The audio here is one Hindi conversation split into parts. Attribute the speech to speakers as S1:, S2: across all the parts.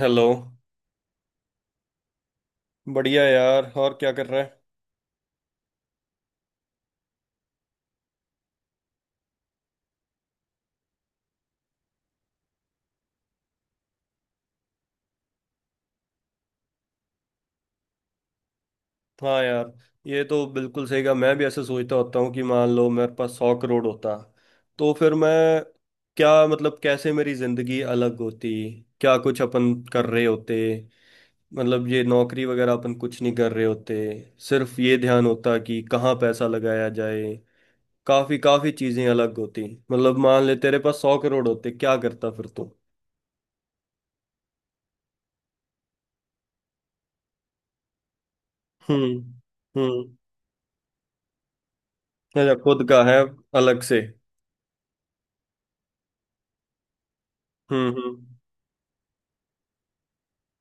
S1: हेलो। बढ़िया यार। और क्या कर रहा है? हाँ यार, ये तो बिल्कुल सही कहा। मैं भी ऐसे सोचता होता हूँ कि मान लो मेरे पास 100 करोड़ होता तो फिर मैं क्या, मतलब कैसे मेरी जिंदगी अलग होती, क्या कुछ अपन कर रहे होते। मतलब ये नौकरी वगैरह अपन कुछ नहीं कर रहे होते। सिर्फ ये ध्यान होता कि कहाँ पैसा लगाया जाए। काफी काफी चीजें अलग होती। मतलब मान ले तेरे पास 100 करोड़ होते क्या करता फिर तू? हम्म हम्म। अच्छा, खुद का है? अलग से? हम्म हम्म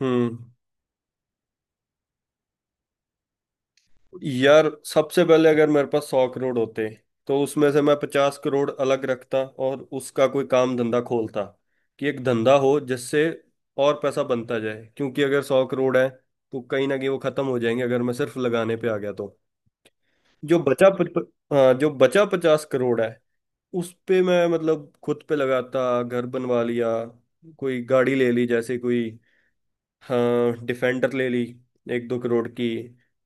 S1: हम्म। यार सबसे पहले अगर मेरे पास 100 करोड़ होते तो उसमें से मैं 50 करोड़ अलग रखता और उसका कोई काम धंधा खोलता कि एक धंधा हो जिससे और पैसा बनता जाए। क्योंकि अगर 100 करोड़ है तो कहीं ना कहीं वो खत्म हो जाएंगे अगर मैं सिर्फ लगाने पे आ गया तो। जो बचा प, प- हाँ, जो बचा 50 करोड़ है उस पे मैं मतलब खुद पे लगाता, घर बनवा लिया, कोई गाड़ी ले ली, जैसे कोई, हाँ डिफेंडर ले ली, 1-2 करोड़ की,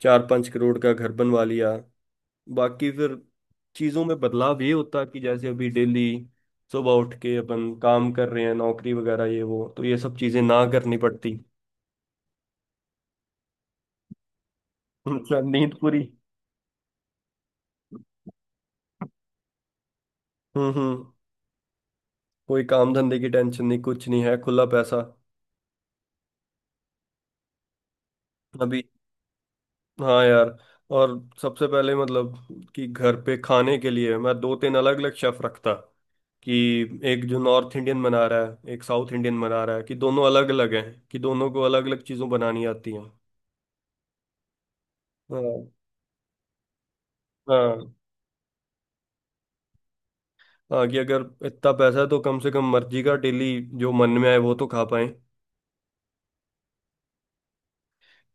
S1: 4-5 करोड़ का घर बनवा लिया। बाकी फिर चीजों में बदलाव ये होता कि जैसे अभी डेली सुबह उठ के अपन काम कर रहे हैं, नौकरी वगैरह ये वो, तो ये सब चीजें ना करनी पड़ती। अच्छा, नींद पूरी। हम्म। कोई काम धंधे की टेंशन नहीं, कुछ नहीं है, खुला पैसा। अभी। हाँ यार। और सबसे पहले मतलब कि घर पे खाने के लिए मैं दो तीन अलग अलग शेफ रखता कि एक जो नॉर्थ इंडियन बना रहा है, एक साउथ इंडियन बना रहा है, कि दोनों अलग अलग हैं, कि दोनों को अलग अलग चीज़ों बनानी आती हैं। हाँ हाँ हाँ। कि अगर इतना पैसा है तो कम से कम मर्जी का डेली, जो मन में आए वो तो खा पाएं।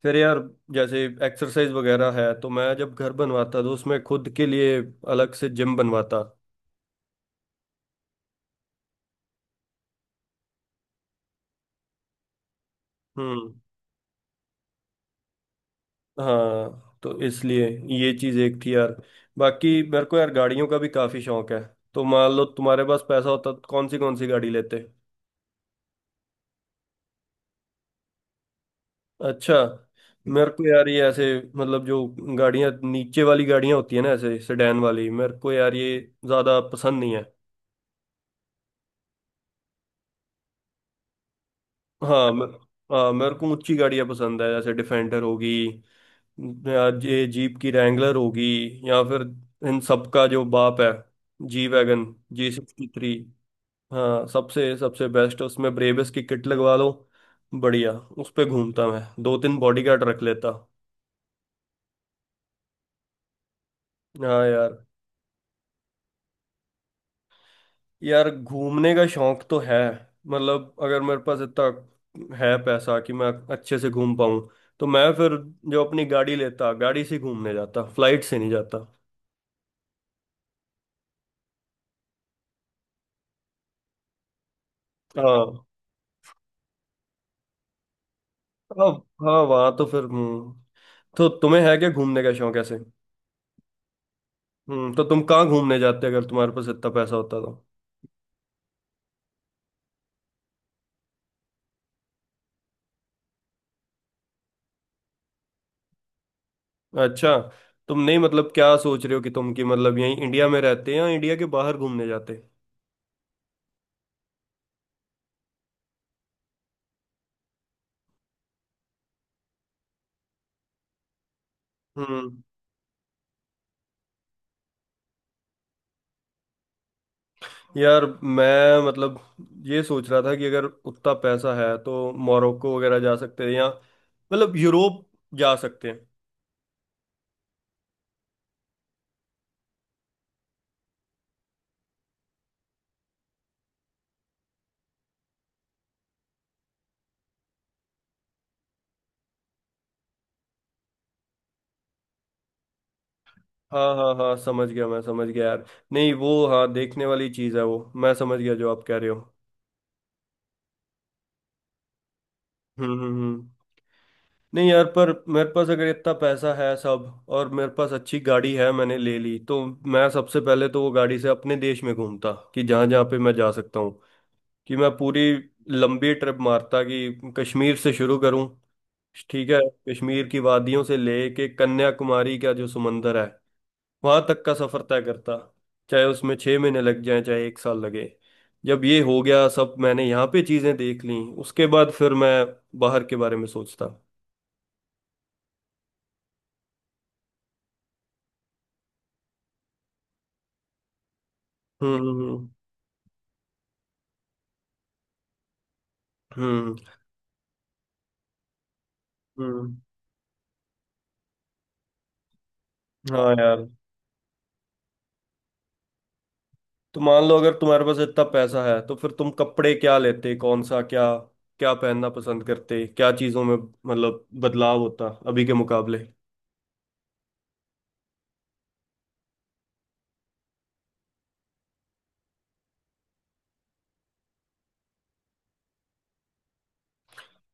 S1: फिर यार जैसे एक्सरसाइज वगैरह है तो मैं जब घर बनवाता तो उसमें खुद के लिए अलग से जिम बनवाता। हम्म। हाँ तो इसलिए ये चीज़ एक थी यार। बाकी मेरे को यार गाड़ियों का भी काफ़ी शौक है। तो मान लो तुम्हारे पास पैसा होता तो कौन सी गाड़ी लेते? अच्छा। मेरे को यार ये ऐसे, मतलब जो गाड़ियां नीचे वाली गाड़ियां होती है ना, ऐसे सेडान वाली, मेरे को यार ये ज्यादा पसंद नहीं है। हाँ मैं, हाँ मेरे को ऊंची गाड़ियां पसंद है। जैसे डिफेंडर होगी या ये जीप की रैंगलर होगी, या फिर इन सब का जो बाप है, जी वैगन, G63। हाँ सबसे सबसे बेस्ट। उसमें ब्रेबस की किट लगवा लो, बढ़िया। उस पे घूमता, मैं दो तीन बॉडीगार्ड रख लेता। हाँ यार। यार घूमने का शौक तो है, मतलब अगर मेरे पास इतना है पैसा कि मैं अच्छे से घूम पाऊं तो मैं फिर जो अपनी गाड़ी लेता, गाड़ी से घूमने जाता, फ्लाइट से नहीं जाता। हाँ हाँ हाँ। वहां तो फिर हम्म। तो तुम्हें है क्या घूमने का शौक ऐसे? हम्म। तो तुम कहाँ घूमने जाते अगर तुम्हारे पास इतना पैसा होता तो? अच्छा। तुम नहीं मतलब क्या सोच रहे हो कि तुम, कि मतलब यहीं इंडिया में रहते हैं या इंडिया के बाहर घूमने जाते? हम्म। यार मैं मतलब ये सोच रहा था कि अगर उतना पैसा है तो मोरक्को वगैरह जा सकते हैं या मतलब यूरोप जा सकते हैं। हाँ हाँ हाँ, समझ गया, मैं समझ गया यार। नहीं, वो हाँ देखने वाली चीज़ है वो, मैं समझ गया जो आप कह रहे हो। हम्म हम्म हम्म। नहीं यार, पर मेरे पास अगर इतना पैसा है सब और मेरे पास अच्छी गाड़ी है मैंने ले ली तो मैं सबसे पहले तो वो गाड़ी से अपने देश में घूमता कि जहाँ जहाँ पे मैं जा सकता, कि मैं पूरी लंबी ट्रिप मारता, कि कश्मीर से शुरू करूं, ठीक है, कश्मीर की वादियों से लेके कन्याकुमारी का जो समंदर है वहां तक का सफर तय करता। चाहे उसमें 6 महीने लग जाए चाहे एक साल लगे। जब ये हो गया सब, मैंने यहाँ पे चीजें देख ली, उसके बाद फिर मैं बाहर के बारे में सोचता। हम्म हम्म हम्म हम्म। हाँ यार। तो मान लो अगर तुम्हारे पास इतना पैसा है तो फिर तुम कपड़े क्या लेते, कौन सा क्या क्या पहनना पसंद करते, क्या चीजों में मतलब बदलाव होता अभी के मुकाबले?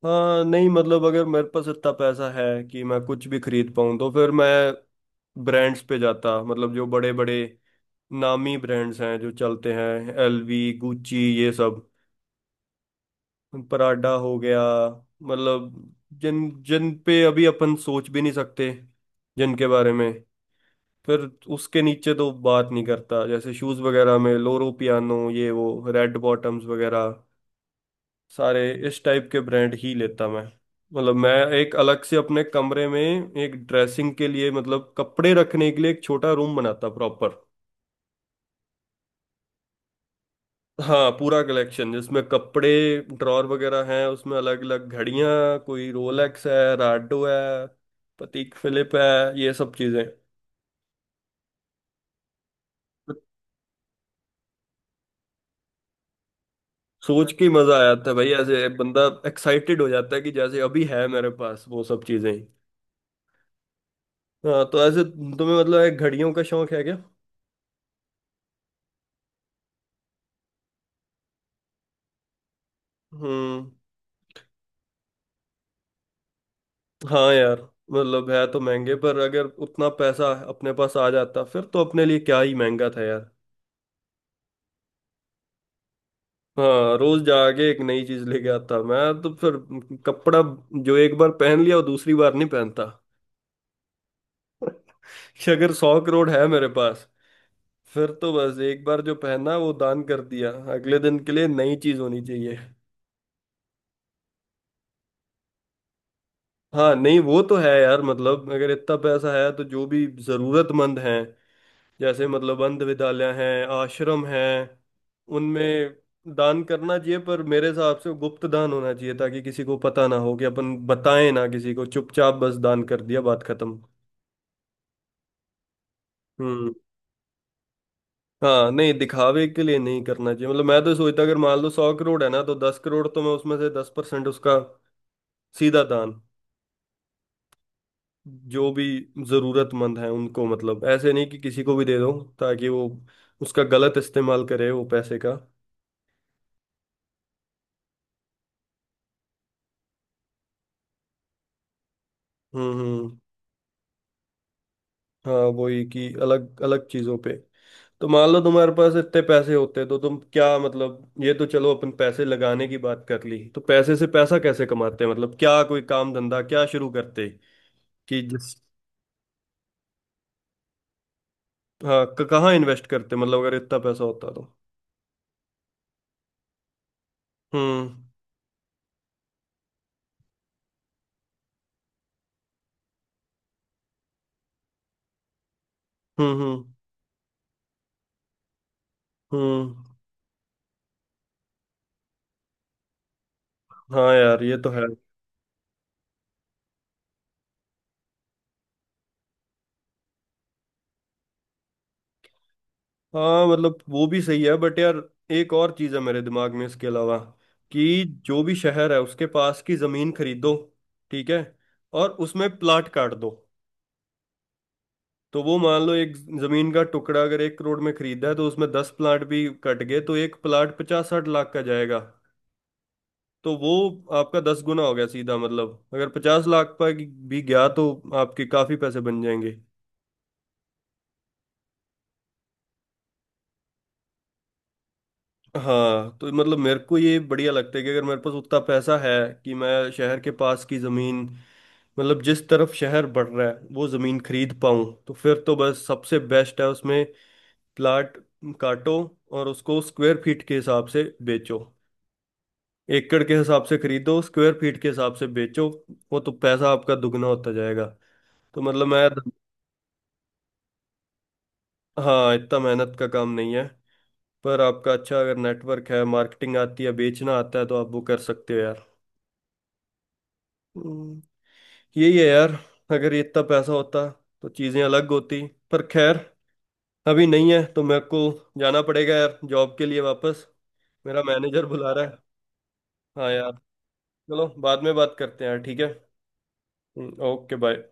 S1: हाँ नहीं मतलब अगर मेरे पास इतना पैसा है कि मैं कुछ भी खरीद पाऊँ तो फिर मैं ब्रांड्स पे जाता, मतलब जो बड़े बड़े नामी ब्रांड्स हैं जो चलते हैं, एलवी, गुच्ची, ये सब, पराडा हो गया, मतलब जिन जिन पे अभी अपन सोच भी नहीं सकते जिनके बारे में। फिर उसके नीचे तो बात नहीं करता जैसे शूज वगैरह में लोरो पियानो, ये वो, रेड बॉटम्स वगैरह, सारे इस टाइप के ब्रांड ही लेता मैं। मतलब मैं एक अलग से अपने कमरे में एक ड्रेसिंग के लिए, मतलब कपड़े रखने के लिए एक छोटा रूम बनाता प्रॉपर। हाँ पूरा कलेक्शन जिसमें कपड़े ड्रॉर वगैरह हैं, उसमें अलग अलग घड़ियां, कोई रोलेक्स है, राडो है, पतीक फिलिप है, ये सब चीजें। सोच के ही मजा आ जाता है भाई, ऐसे बंदा एक्साइटेड हो जाता है कि जैसे अभी है मेरे पास वो सब चीजें। हाँ तो ऐसे तुम्हें मतलब एक घड़ियों का शौक है क्या? हम्म। हाँ यार, मतलब है तो महंगे, पर अगर उतना पैसा अपने पास आ जाता फिर तो अपने लिए क्या ही महंगा था यार। हाँ रोज जाके एक नई चीज लेके आता मैं तो। फिर कपड़ा जो एक बार पहन लिया वो दूसरी बार नहीं पहनता। कि अगर 100 करोड़ है मेरे पास फिर तो बस एक बार जो पहना वो दान कर दिया, अगले दिन के लिए नई चीज होनी चाहिए। हाँ नहीं वो तो है यार, मतलब अगर इतना पैसा है तो जो भी जरूरतमंद हैं जैसे मतलब अंध विद्यालय हैं, आश्रम हैं, उनमें दान करना चाहिए। पर मेरे हिसाब से गुप्त दान होना चाहिए ताकि किसी को पता ना हो, कि अपन बताएं ना किसी को, चुपचाप बस दान कर दिया, बात खत्म। हम्म। हाँ नहीं दिखावे के लिए नहीं करना चाहिए। मतलब मैं तो सोचता अगर मान लो 100 करोड़ है ना तो 10 करोड़ तो मैं उसमें से, 10% उसका सीधा दान, जो भी जरूरतमंद है उनको, मतलब ऐसे नहीं कि किसी को भी दे दो ताकि वो उसका गलत इस्तेमाल करे वो पैसे का। हम्म। हाँ वही कि अलग अलग चीजों पे। तो मान लो तुम्हारे पास इतने पैसे होते तो तुम क्या मतलब, ये तो चलो अपन पैसे लगाने की बात कर ली, तो पैसे से पैसा कैसे कमाते हैं, मतलब क्या कोई काम धंधा क्या शुरू करते कि जिस? हाँ, क- कहाँ इन्वेस्ट करते मतलब अगर इतना पैसा होता तो? हम्म हम्म हम्म हम्म। हाँ यार ये तो है। हाँ मतलब वो भी सही है, बट यार एक और चीज़ है मेरे दिमाग में इसके अलावा कि जो भी शहर है उसके पास की ज़मीन खरीदो, ठीक है, और उसमें प्लाट काट दो। तो वो मान लो एक ज़मीन का टुकड़ा अगर 1 करोड़ में खरीदा है तो उसमें 10 प्लाट भी कट गए तो एक प्लाट 50-60 लाख का जाएगा। तो वो आपका 10 गुना हो गया सीधा, मतलब अगर 50 लाख पर भी गया तो आपके काफ़ी पैसे बन जाएंगे। हाँ तो मतलब मेरे को ये बढ़िया लगता है कि अगर मेरे पास उतना पैसा है कि मैं शहर के पास की ज़मीन, मतलब जिस तरफ शहर बढ़ रहा है वो ज़मीन खरीद पाऊँ, तो फिर तो बस सबसे बेस्ट है उसमें प्लाट काटो और उसको स्क्वायर फीट के हिसाब से बेचो। एकड़ के हिसाब से खरीदो स्क्वायर फीट के हिसाब से बेचो, वो तो पैसा आपका दुगना होता जाएगा। तो मतलब मैं तो, हाँ इतना मेहनत का काम नहीं है पर आपका अच्छा अगर नेटवर्क है, मार्केटिंग आती है, बेचना आता है, तो आप वो कर सकते हो यार। यही है यार, अगर ये इतना पैसा होता तो चीजें अलग होती, पर खैर अभी नहीं है तो मेरे को जाना पड़ेगा यार जॉब के लिए वापस। मेरा मैनेजर बुला रहा है। हाँ यार। चलो बाद में बात करते हैं यार, ठीक है। Okay bye.